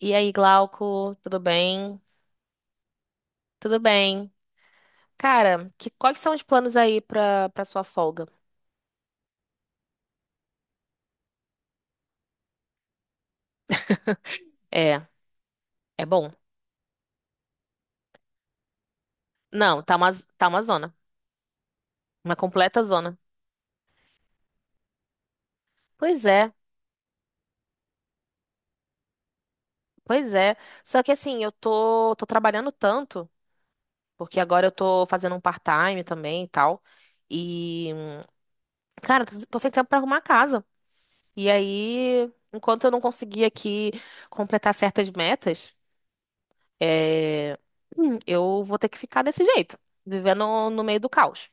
E aí, Glauco, tudo bem? Tudo bem. Cara, quais são os planos aí pra sua folga? É, é bom. Não, tá uma zona. Uma completa zona. Pois é, pois é. Só que assim, tô trabalhando tanto, porque agora eu tô fazendo um part-time também e tal. E, cara, tô sem tempo pra arrumar a casa. E aí, enquanto eu não conseguir aqui completar certas metas. É, eu vou ter que ficar desse jeito, vivendo no meio do caos.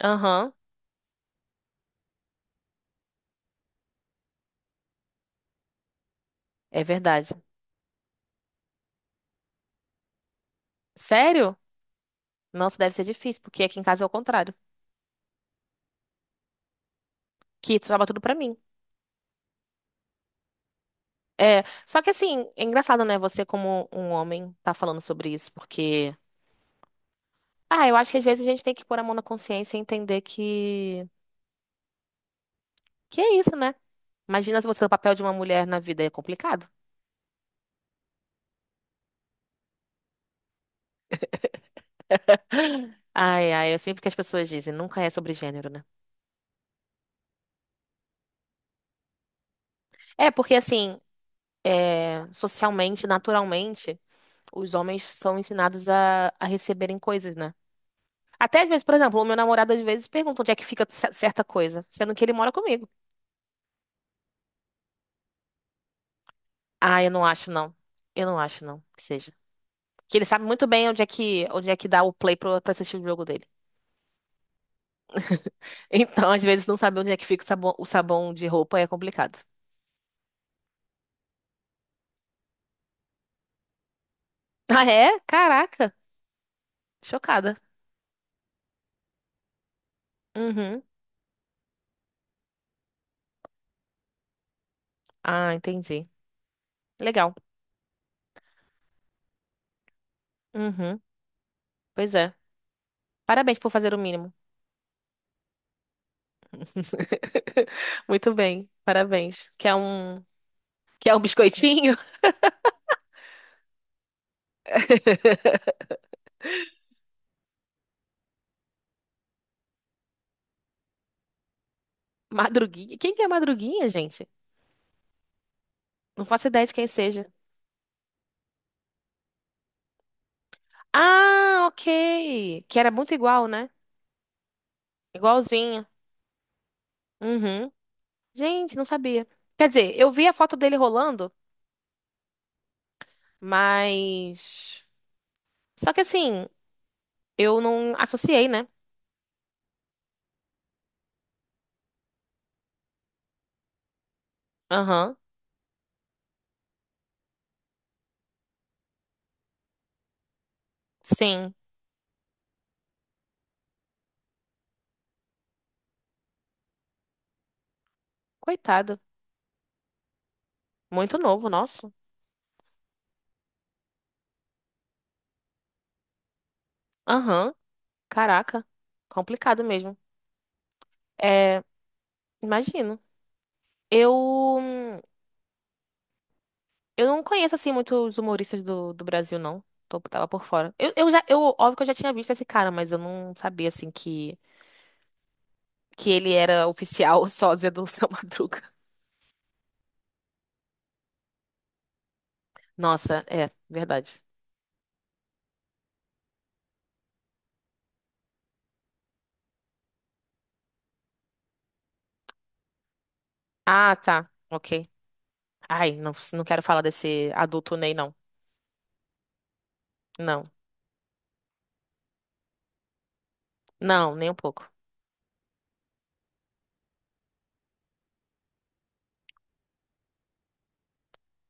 Aham, é verdade. Sério? Nossa, deve ser difícil, porque aqui em casa é o contrário. Que trava tudo pra mim. É, só que assim, é engraçado, né? Você, como um homem, tá falando sobre isso, porque. Ah, eu acho que às vezes a gente tem que pôr a mão na consciência e entender que. Que é isso, né? Imagina se você é o papel de uma mulher na vida é complicado. Eu sempre que as pessoas dizem, nunca é sobre gênero, né? É, porque assim, é, socialmente, naturalmente. Os homens são ensinados a receberem coisas, né? Até às vezes, por exemplo, o meu namorado às vezes pergunta onde é que fica certa coisa, sendo que ele mora comigo. Ah, eu não acho, não. Eu não acho, não, que seja. Que ele sabe muito bem onde é que dá o play pra assistir o jogo dele. Então, às vezes, não saber onde é que fica o sabão de roupa é complicado. Ah, é? Caraca. Chocada. Uhum. Ah, entendi. Legal. Uhum. Pois é. Parabéns por fazer o mínimo. Muito bem. Parabéns. Que é um biscoitinho? Madruguinha? Quem que é Madruguinha, gente? Não faço ideia de quem seja. Ah, ok. Que era muito igual, né? Igualzinho. Uhum. Gente, não sabia. Quer dizer, eu vi a foto dele rolando, mas. Só que assim, eu não associei, né? Aham. Sim. Coitado. Muito novo, nosso. Aham. Caraca. Complicado mesmo. É, imagino. Eu. Eu não conheço, assim, muitos humoristas do Brasil, não. Tô, tava por fora. Óbvio que eu já tinha visto esse cara, mas eu não sabia, assim, que ele era oficial sósia do São Madruga. Nossa, é, verdade. Ah, tá. Ok. Ai, não, não quero falar desse adulto Ney, não. Não. Não, nem um pouco.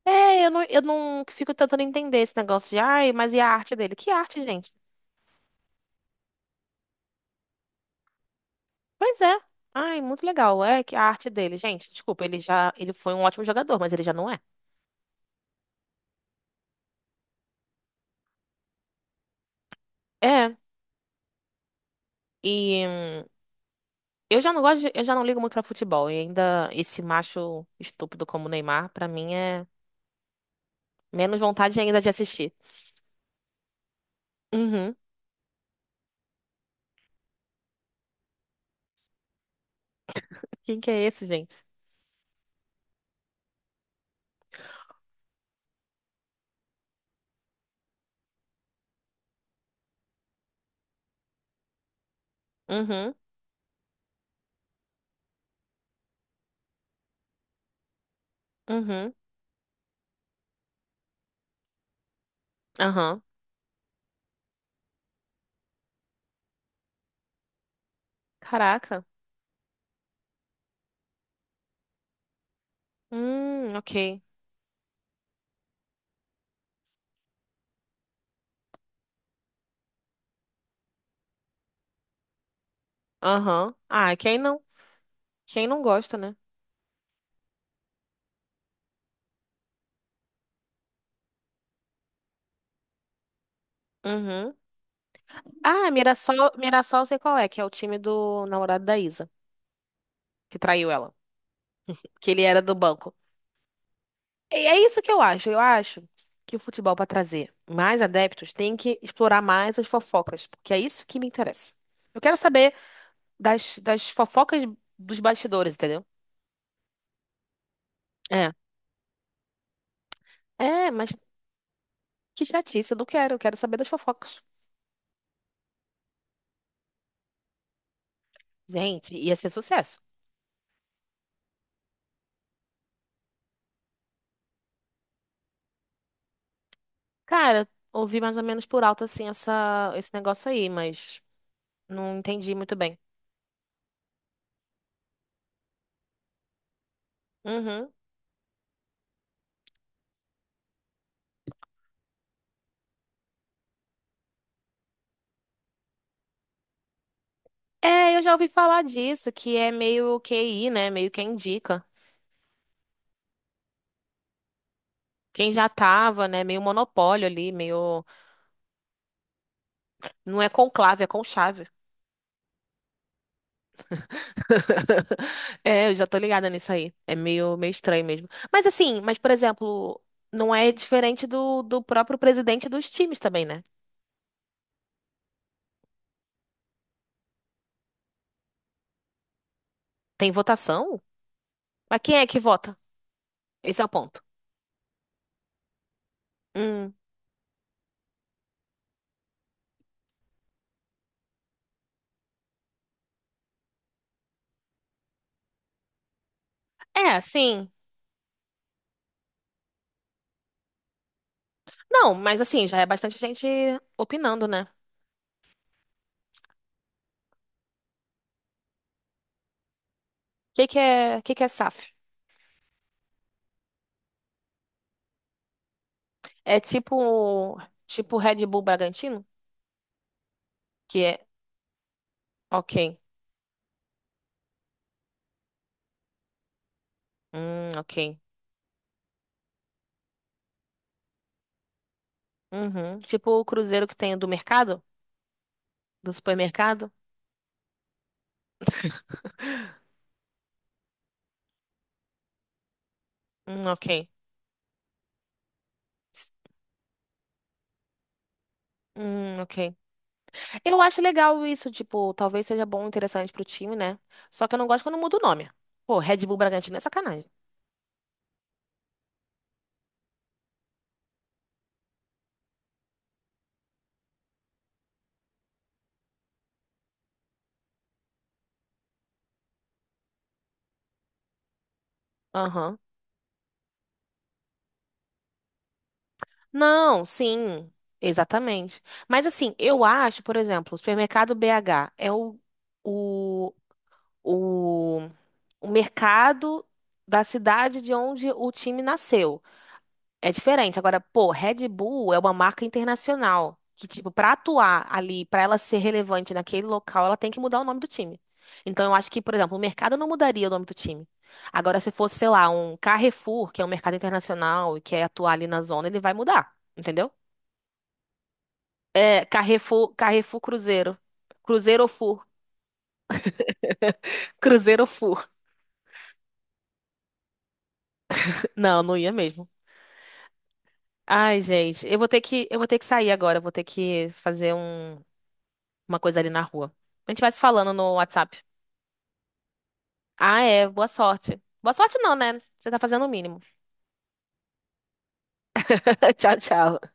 É, eu não fico tentando entender esse negócio de, ai, mas e a arte dele? Que arte, gente? Pois é. Ai, muito legal. É que a arte dele, gente, desculpa, ele foi um ótimo jogador, mas ele já não é. É. E eu já não ligo muito pra futebol. E ainda esse macho estúpido como o Neymar, pra mim é menos vontade ainda de assistir. Uhum. Quem que é esse, gente? Uhum, uhum, aham. Caraca. Ok. Aham. Quem não gosta, né? Uhum. Ah, Mirassol, eu sei qual é, que é o time do namorado da Isa, que traiu ela. Que ele era do banco. É isso que eu acho. Eu acho que o futebol, para trazer mais adeptos, tem que explorar mais as fofocas, porque é isso que me interessa. Eu quero saber das fofocas dos bastidores, entendeu? É. É, mas que chatice, eu não quero. Eu quero saber das fofocas. Gente, ia ser sucesso. Cara, ouvi mais ou menos por alto, assim, esse negócio aí, mas não entendi muito bem. Uhum. É, eu já ouvi falar disso, que é meio QI, né? Meio quem indica. Quem já tava, né? Meio monopólio ali, meio. Não é conclave, é conchave. É, eu já tô ligada nisso aí. É meio estranho mesmo. Mas assim, mas por exemplo, não é diferente do próprio presidente dos times também, né? Tem votação? Mas quem é que vota? Esse é o ponto. Hum. É, sim. Não, mas assim, já é bastante gente opinando, né? O que que é SAF? É tipo, tipo Red Bull Bragantino? Que é, ok. Ok. Uhum. Tipo o Cruzeiro que tem do mercado? Do supermercado? Ok. Ok. Eu acho legal isso, tipo, talvez seja bom, interessante pro time, né? Só que eu não gosto quando muda o nome. Pô, Red Bull Bragantino é sacanagem. Aham. Não, sim, exatamente. Mas assim, eu acho, por exemplo, o supermercado BH é o, o, o mercado da cidade de onde o time nasceu. É diferente. Agora, pô, Red Bull é uma marca internacional que, tipo, pra atuar ali, pra ela ser relevante naquele local, ela tem que mudar o nome do time. Então, eu acho que, por exemplo, o mercado não mudaria o nome do time. Agora, se fosse, sei lá, um Carrefour, que é um mercado internacional e quer atuar ali na zona, ele vai mudar, entendeu? É, Carrefour Cruzeiro. Cruzeiro ou Fur. Cruzeiro ou Fur. Não, não ia mesmo. Ai, gente, eu vou ter que sair agora, eu vou ter que fazer uma coisa ali na rua. A gente vai se falando no WhatsApp. Ah, é. Boa sorte. Boa sorte não, né? Você tá fazendo o mínimo. Tchau, tchau.